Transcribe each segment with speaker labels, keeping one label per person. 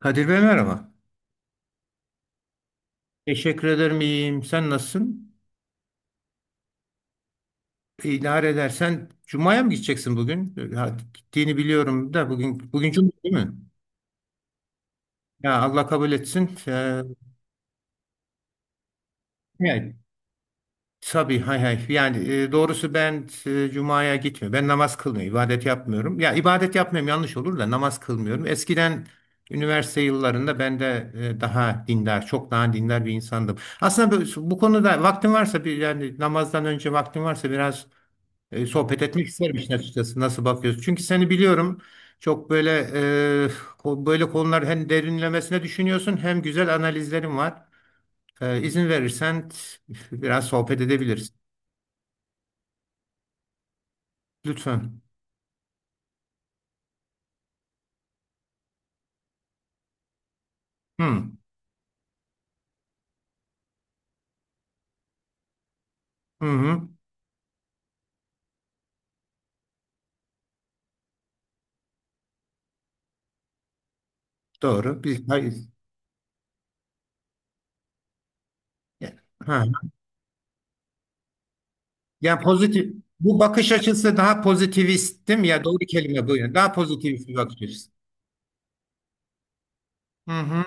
Speaker 1: Kadir Bey merhaba. Teşekkür ederim iyiyim. Sen nasılsın? İdare edersen Cuma'ya mı gideceksin bugün? Ha, gittiğini biliyorum da bugün Cuma değil mi? Ya Allah kabul etsin. Yani, tabii hay hay. Yani doğrusu ben Cuma'ya gitmiyorum. Ben namaz kılmıyorum. İbadet yapmıyorum. Ya ibadet yapmıyorum yanlış olur da namaz kılmıyorum. Eskiden üniversite yıllarında ben de daha dindar, çok daha dindar bir insandım. Aslında bu konuda vaktin varsa bir yani namazdan önce vaktin varsa biraz sohbet etmek isterim işin açıkçası. Nasıl bakıyorsun? Çünkü seni biliyorum. Çok e, böyle konular hem derinlemesine düşünüyorsun hem güzel analizlerin var. İzin verirsen biraz sohbet edebiliriz. Lütfen. Hı. Hı hı. Doğru. Biz hayır. Ya- Ha. Yani pozitif bu bakış açısı daha pozitivist değil mi? Ya doğru kelime bu. Yani. Daha pozitivist bir bakış açısı. Hı hı.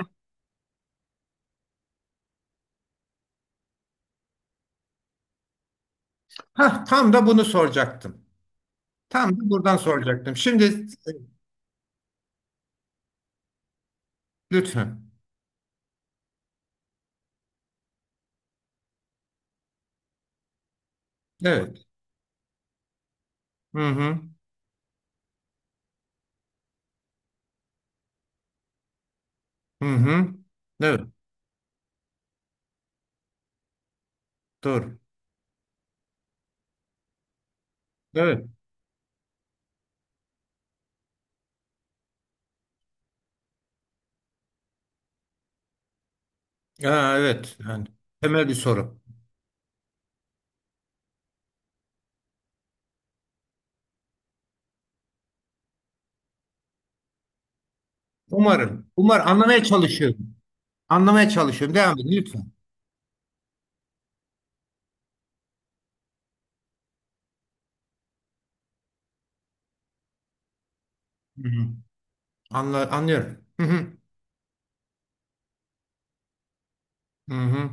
Speaker 1: Hah, tam da bunu soracaktım. Tam da buradan soracaktım. Şimdi e, lütfen. Evet. Hı hı. Hı hı. Evet. Doğru. Evet. Ha, evet. Yani temel bir soru. Umarım. Anlamaya çalışıyorum. Anlamaya çalışıyorum. Devam edin lütfen. Hı hı. Anlıyorum. Hı hı. Hı hı.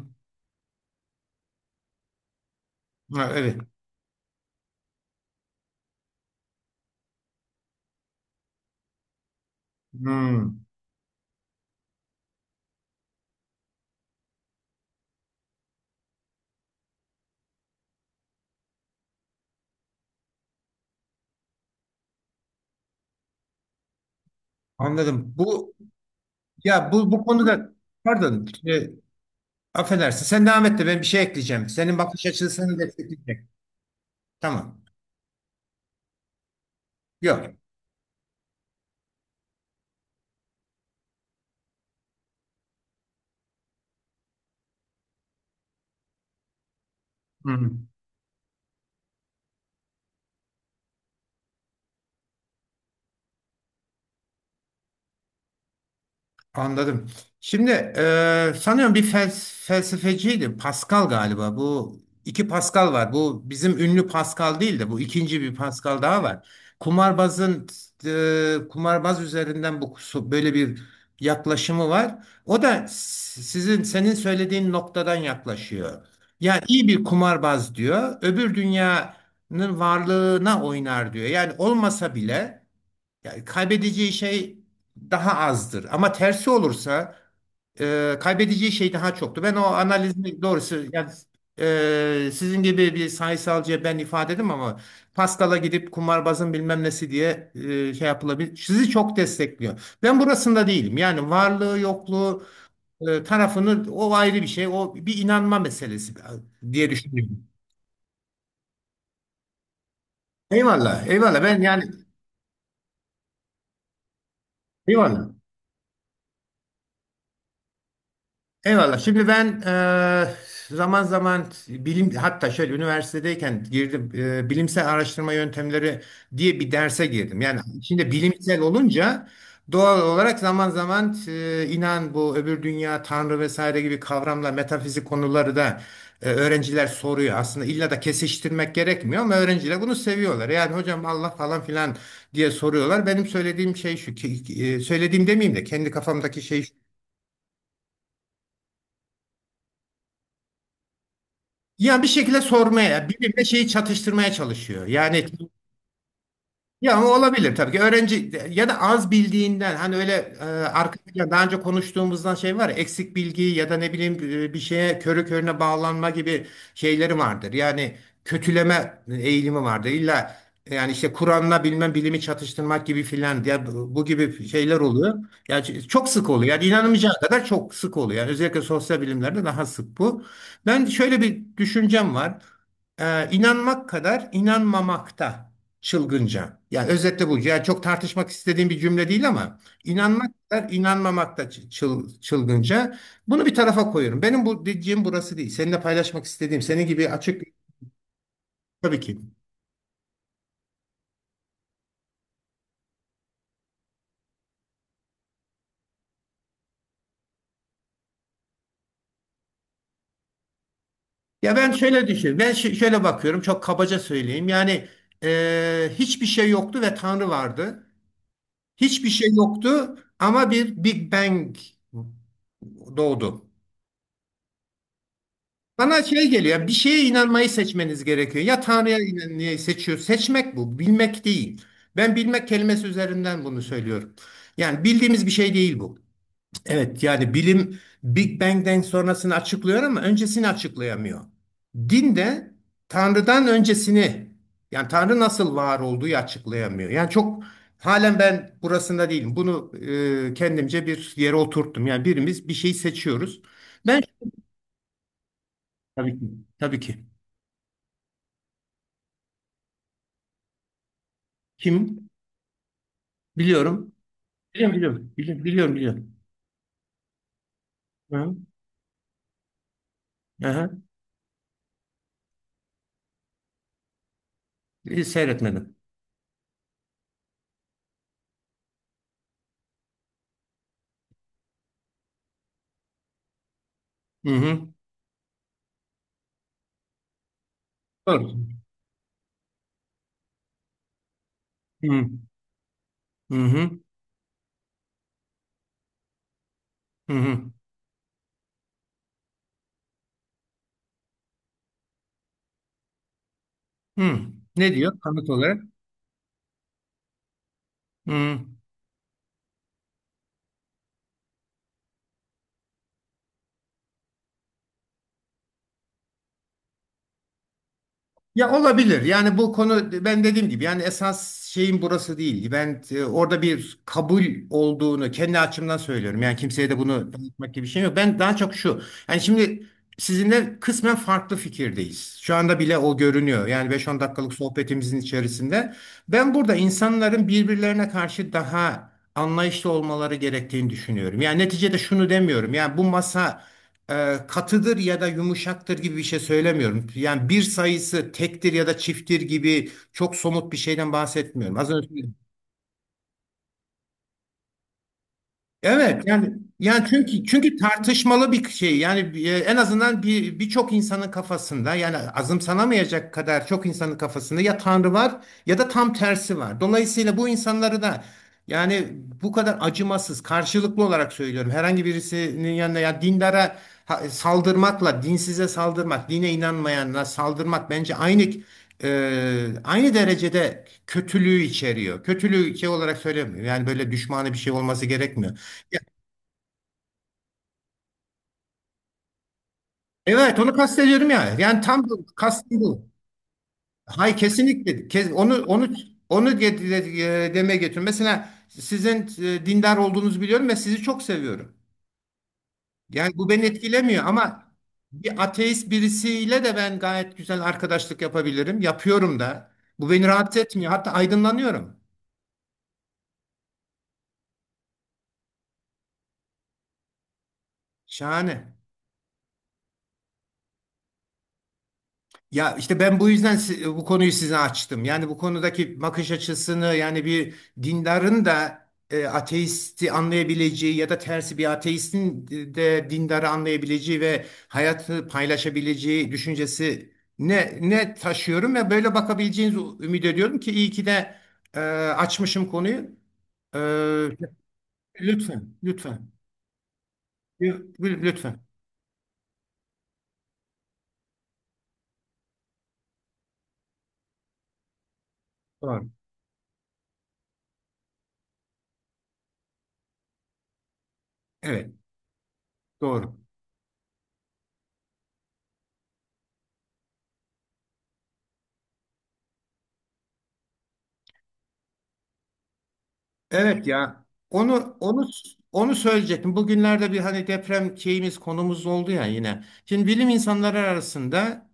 Speaker 1: Ha, evet. Hı. Anladım. Bu ya bu konuda, pardon. Affedersin. Sen devam et de ben bir şey ekleyeceğim. Senin bakış açını seni destekleyecek. Tamam. Yok. Hı hı. Anladım. Şimdi sanıyorum bir felsefeciydi. Pascal galiba. Bu iki Pascal var. Bu bizim ünlü Pascal değil de bu ikinci bir Pascal daha var. Kumarbazın Kumarbaz üzerinden bu böyle bir yaklaşımı var. O da senin söylediğin noktadan yaklaşıyor. Yani iyi bir kumarbaz diyor. Öbür dünyanın varlığına oynar diyor. Yani olmasa bile yani kaybedeceği şey daha azdır. Ama tersi olursa kaybedeceği şey daha çoktu. Ben o analizini doğrusu yani sizin gibi bir sayısalcıya ben ifade edeyim ama Pascal'a gidip kumarbazın bilmem nesi diye şey yapılabilir. Sizi çok destekliyor. Ben burasında değilim. Yani varlığı yokluğu tarafını o ayrı bir şey. O bir inanma meselesi diye düşünüyorum. Eyvallah, eyvallah. Ben yani eyvallah. Eyvallah. Şimdi ben zaman zaman bilim hatta şöyle üniversitedeyken girdim bilimsel araştırma yöntemleri diye bir derse girdim. Yani içinde bilimsel olunca doğal olarak zaman zaman inan bu öbür dünya, Tanrı vesaire gibi kavramla metafizik konuları da öğrenciler soruyor. Aslında illa da kesiştirmek gerekmiyor ama öğrenciler bunu seviyorlar. Yani hocam Allah falan filan diye soruyorlar. Benim söylediğim şey şu ki söylediğim demeyeyim de kendi kafamdaki şey. Yani bir şekilde sormaya, birbirine şeyi çatıştırmaya çalışıyor. Yani ya o olabilir tabii ki. Öğrenci ya da az bildiğinden hani öyle daha önce konuştuğumuzdan şey var ya eksik bilgi ya da ne bileyim bir şeye körü körüne bağlanma gibi şeyleri vardır. Yani kötüleme eğilimi vardır. İlla yani işte Kur'an'la bilmem bilimi çatıştırmak gibi filan diye bu gibi şeyler oluyor. Yani çok sık oluyor. Yani inanamayacağı kadar çok sık oluyor. Yani özellikle sosyal bilimlerde daha sık bu. Ben şöyle bir düşüncem var. İnanmak kadar inanmamakta. Çılgınca. Yani özetle bu. Yani çok tartışmak istediğim bir cümle değil ama inanmak da inanmamak da çılgınca. Bunu bir tarafa koyuyorum. Benim bu dediğim burası değil. Seninle paylaşmak istediğim senin gibi açık tabii ki. Ya ben şöyle düşün. Ben şöyle bakıyorum. Çok kabaca söyleyeyim. Yani hiçbir şey yoktu ve Tanrı vardı. Hiçbir şey yoktu ama bir Big Bang doğdu. Bana şey geliyor, bir şeye inanmayı seçmeniz gerekiyor. Ya Tanrı'ya inanmayı seçiyor. Seçmek bu, bilmek değil. Ben bilmek kelimesi üzerinden bunu söylüyorum. Yani bildiğimiz bir şey değil bu. Evet, yani bilim Big Bang'den sonrasını açıklıyor ama öncesini açıklayamıyor. Din de Tanrı'dan öncesini, yani Tanrı nasıl var olduğu açıklayamıyor. Yani çok halen ben burasında değilim. Bunu kendimce bir yere oturttum. Yani birimiz bir şeyi seçiyoruz. Ben tabii ki, tabii ki. Kim? Biliyorum. Biliyorum, biliyorum. Biliyorum, biliyorum. Biliyorum. Hı. Aha. Seyretmedim. Hı hı. Doğru. Hı hı. Hı hı. Hı hı. Hı. Ne diyor kanıt olarak? Hı. Ya olabilir. Yani bu konu ben dediğim gibi yani esas şeyin burası değil. Ben orada bir kabul olduğunu kendi açımdan söylüyorum. Yani kimseye de bunu anlatmak gibi bir şey yok. Ben daha çok şu. Yani şimdi sizinle kısmen farklı fikirdeyiz. Şu anda bile o görünüyor. Yani 5-10 dakikalık sohbetimizin içerisinde. Ben burada insanların birbirlerine karşı daha anlayışlı olmaları gerektiğini düşünüyorum. Yani neticede şunu demiyorum. Yani bu masa katıdır ya da yumuşaktır gibi bir şey söylemiyorum. Yani bir sayısı tektir ya da çifttir gibi çok somut bir şeyden bahsetmiyorum. Az önce. Evet, yani çünkü tartışmalı bir şey yani en azından birçok insanın kafasında yani azımsanamayacak kadar çok insanın kafasında ya Tanrı var ya da tam tersi var. Dolayısıyla bu insanları da yani bu kadar acımasız karşılıklı olarak söylüyorum herhangi birisinin yanına ya dindara saldırmakla dinsize saldırmak dine inanmayana saldırmak bence aynı derecede kötülüğü içeriyor. Kötülüğü şey olarak söylemiyorum. Yani böyle düşmanı bir şey olması gerekmiyor. Evet onu kastediyorum ya. Yani tam bu, kastım bu. Hay, kesinlikle. Onu demeye getiriyorum. Mesela sizin dindar olduğunuzu biliyorum ve sizi çok seviyorum. Yani bu beni etkilemiyor ama bir ateist birisiyle de ben gayet güzel arkadaşlık yapabilirim. Yapıyorum da. Bu beni rahatsız etmiyor. Hatta aydınlanıyorum. Şahane. Ya işte ben bu yüzden bu konuyu size açtım. Yani bu konudaki bakış açısını yani bir dindarın da ateisti anlayabileceği ya da tersi bir ateistin de dindarı anlayabileceği ve hayatı paylaşabileceği düşüncesi ne taşıyorum ve böyle bakabileceğinizi ümit ediyorum ki iyi ki de e, açmışım konuyu. E, Lütfen, lütfen. Lütfen. Doğru. Evet, doğru. Evet ya. Onu onu onu söyleyecektim. Bugünlerde bir hani deprem şeyimiz konumuz oldu ya yine. Şimdi bilim insanları arasında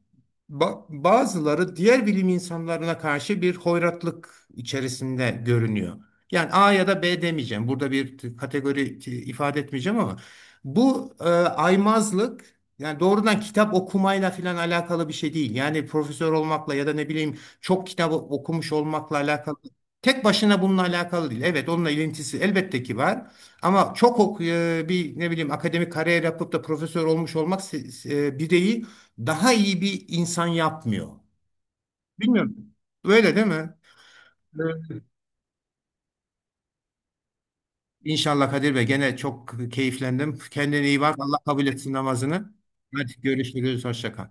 Speaker 1: bazıları diğer bilim insanlarına karşı bir hoyratlık içerisinde görünüyor. Yani A ya da B demeyeceğim. Burada bir kategori ifade etmeyeceğim ama bu aymazlık yani doğrudan kitap okumayla falan alakalı bir şey değil. Yani profesör olmakla ya da ne bileyim çok kitap okumuş olmakla alakalı. Tek başına bununla alakalı değil. Evet, onunla ilintisi elbette ki var. Ama çok bir ne bileyim akademik kariyer yapıp da profesör olmuş olmak bireyi daha iyi bir insan yapmıyor. Bilmiyorum. Öyle değil mi? Evet. İnşallah Kadir Bey gene çok keyiflendim. Kendine iyi bak. Allah kabul etsin namazını. Hadi görüşürüz. Hoşça kal.